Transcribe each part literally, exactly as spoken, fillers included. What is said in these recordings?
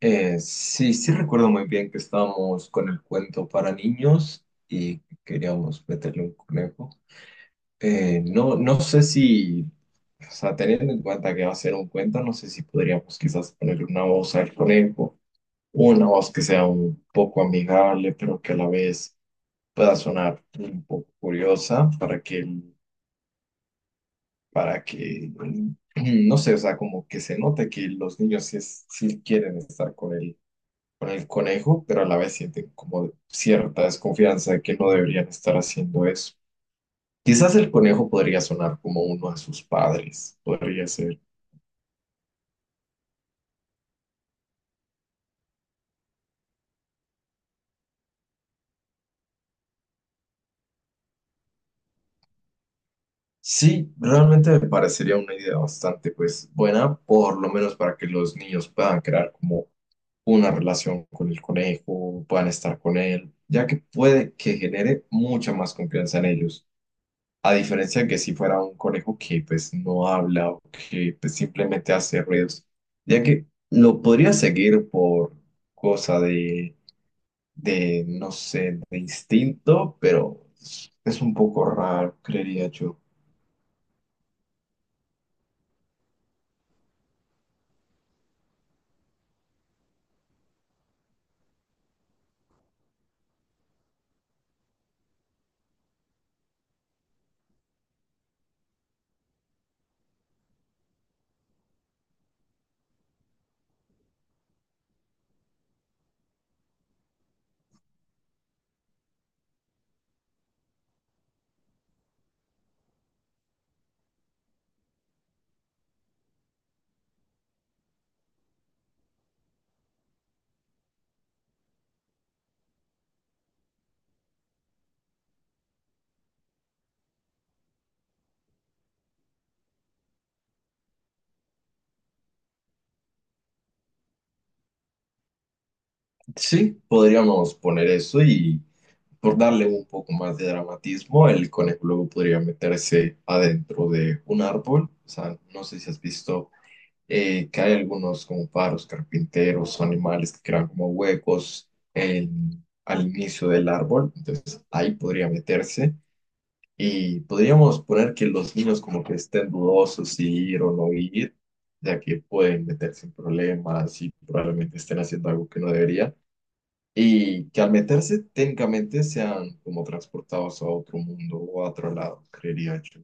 Eh, sí, sí recuerdo muy bien que estábamos con el cuento para niños y queríamos meterle un conejo. Eh, no, no sé si, o sea, teniendo en cuenta que va a ser un cuento, no sé si podríamos quizás ponerle una voz al conejo, una voz que sea un poco amigable, pero que a la vez pueda sonar un poco curiosa para que, el- para que, no sé, o sea, como que se note que los niños sí, es- sí quieren estar con él con el conejo, pero a la vez sienten como cierta desconfianza de que no deberían estar haciendo eso. Quizás el conejo podría sonar como uno de sus padres, podría ser. Sí, realmente me parecería una idea bastante pues buena, por lo menos para que los niños puedan crear como una relación con el conejo, puedan estar con él, ya que puede que genere mucha más confianza en ellos. A diferencia de que si fuera un conejo que pues no habla o que pues, simplemente hace ruidos, ya que lo podría seguir por cosa de, de, no sé, de instinto, pero es es un poco raro, creería yo. Sí, podríamos poner eso y por darle un poco más de dramatismo, el conejo luego podría meterse adentro de un árbol. O sea, no sé si has visto eh, que hay algunos como paros carpinteros o animales que crean como huecos en- al inicio del árbol, entonces ahí podría meterse y podríamos poner que los niños como que estén dudosos si ir o no ir, ya que pueden meterse en problemas y probablemente estén haciendo algo que no debería. Y que al meterse técnicamente sean como transportados a otro mundo o a otro lado, creería yo.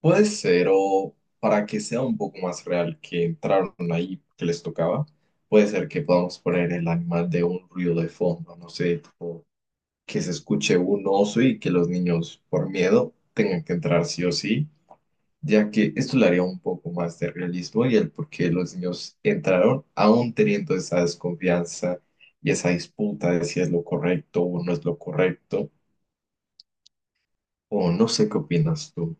Puede ser, o para que sea un poco más real que entraron ahí, que les tocaba, puede ser que podamos poner el animal de un ruido de fondo, no sé, tipo que se escuche un oso y que los niños, por miedo, tengan que entrar sí o sí, ya que esto le haría un poco más de realismo y el por qué los niños entraron, aún teniendo esa desconfianza y esa disputa de si es lo correcto o no es lo correcto, o no sé qué opinas tú.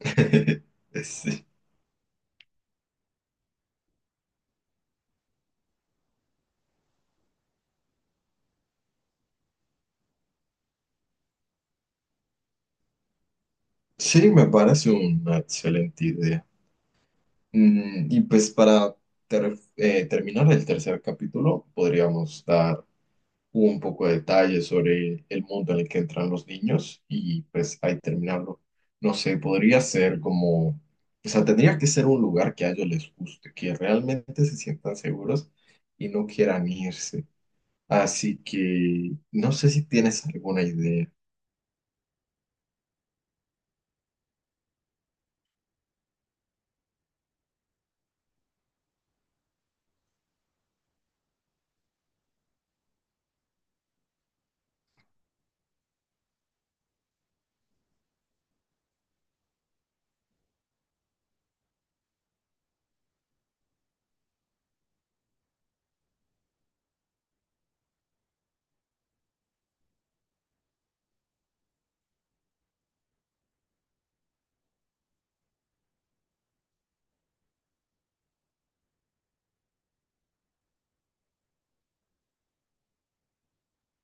Sí. Sí, me parece una excelente idea. Mm, y pues para ter- eh, terminar el tercer capítulo, podríamos dar un poco de detalle sobre el mundo en el que entran los niños y pues ahí terminarlo. No sé, podría ser como, o sea, tendría que ser un lugar que a ellos les guste, que realmente se sientan seguros y no quieran irse. Así que no sé si tienes alguna idea.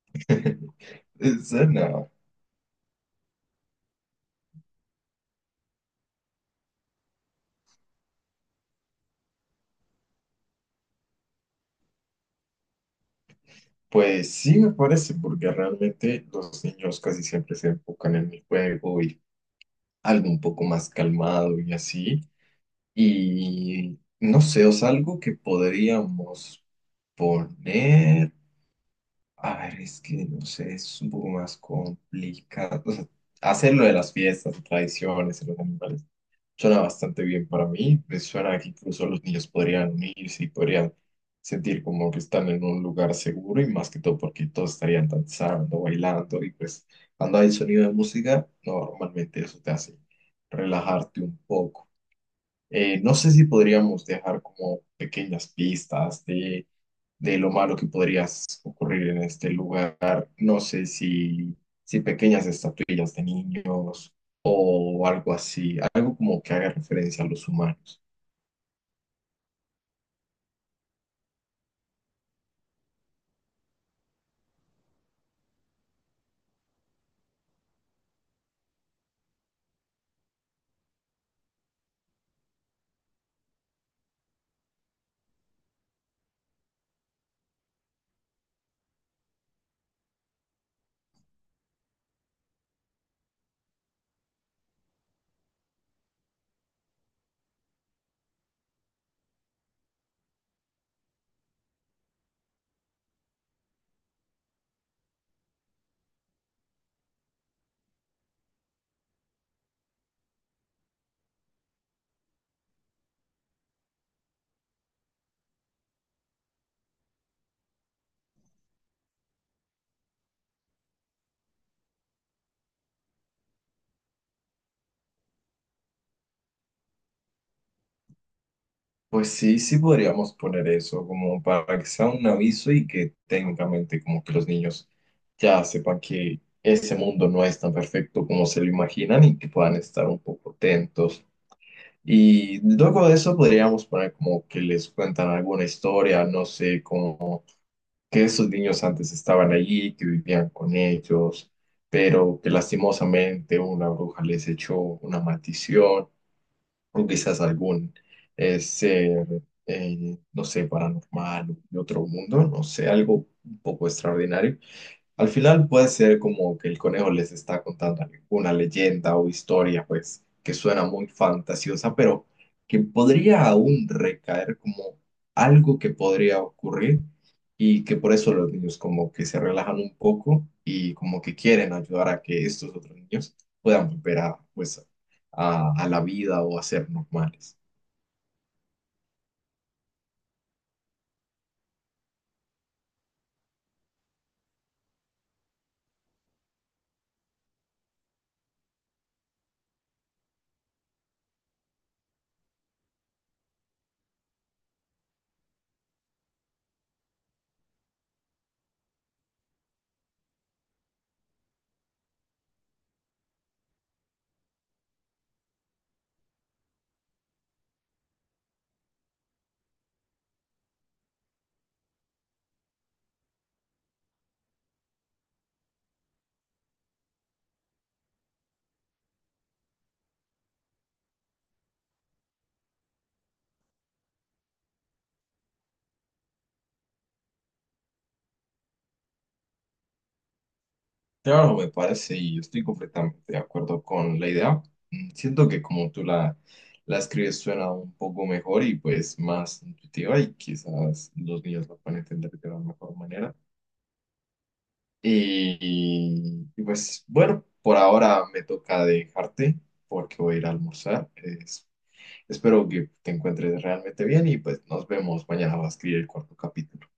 Suena. Pues sí, me parece, porque realmente los niños casi siempre se enfocan en el juego y algo un poco más calmado y así. Y no sé, o sea, algo que podríamos poner. A ver, es que no sé, es un poco más complicado. O sea, hacer lo de las fiestas, tradiciones, y los animales. Suena bastante bien para mí, me suena que incluso los niños podrían unirse y podrían sentir como que están en un lugar seguro y más que todo porque todos estarían danzando, bailando y pues cuando hay sonido de música, no, normalmente eso te hace relajarte un poco. Eh, no sé si podríamos dejar como pequeñas pistas de, de lo malo que podría ocurrir en este lugar. No sé si, si pequeñas estatuillas de niños o algo así, algo como que haga referencia a los humanos. Pues sí, sí podríamos poner eso como para que sea un aviso y que técnicamente como que los niños ya sepan que ese mundo no es tan perfecto como se lo imaginan y que puedan estar un poco atentos. Y luego de eso podríamos poner como que les cuentan alguna historia, no sé, como que esos niños antes estaban allí, que vivían con ellos, pero que lastimosamente una bruja les echó una maldición o quizás algún eh, ser, eh, no sé, paranormal de otro mundo, no sé, algo un poco extraordinario. Al final puede ser como que el conejo les está contando una leyenda o historia, pues, que suena muy fantasiosa, pero que podría aún recaer como algo que podría ocurrir y que por eso los niños como que se relajan un poco y como que quieren ayudar a que estos otros niños puedan volver a, pues, a, a la vida o a ser normales. Claro, me parece y estoy completamente de acuerdo con la idea. Mm, siento que como tú la, la escribes suena un poco mejor y pues más intuitiva y quizás los niños lo pueden entender de una mejor manera. Y, y pues bueno, por ahora me toca dejarte porque voy a ir a almorzar. Es- espero que te encuentres realmente bien y pues nos vemos mañana va a escribir el cuarto capítulo.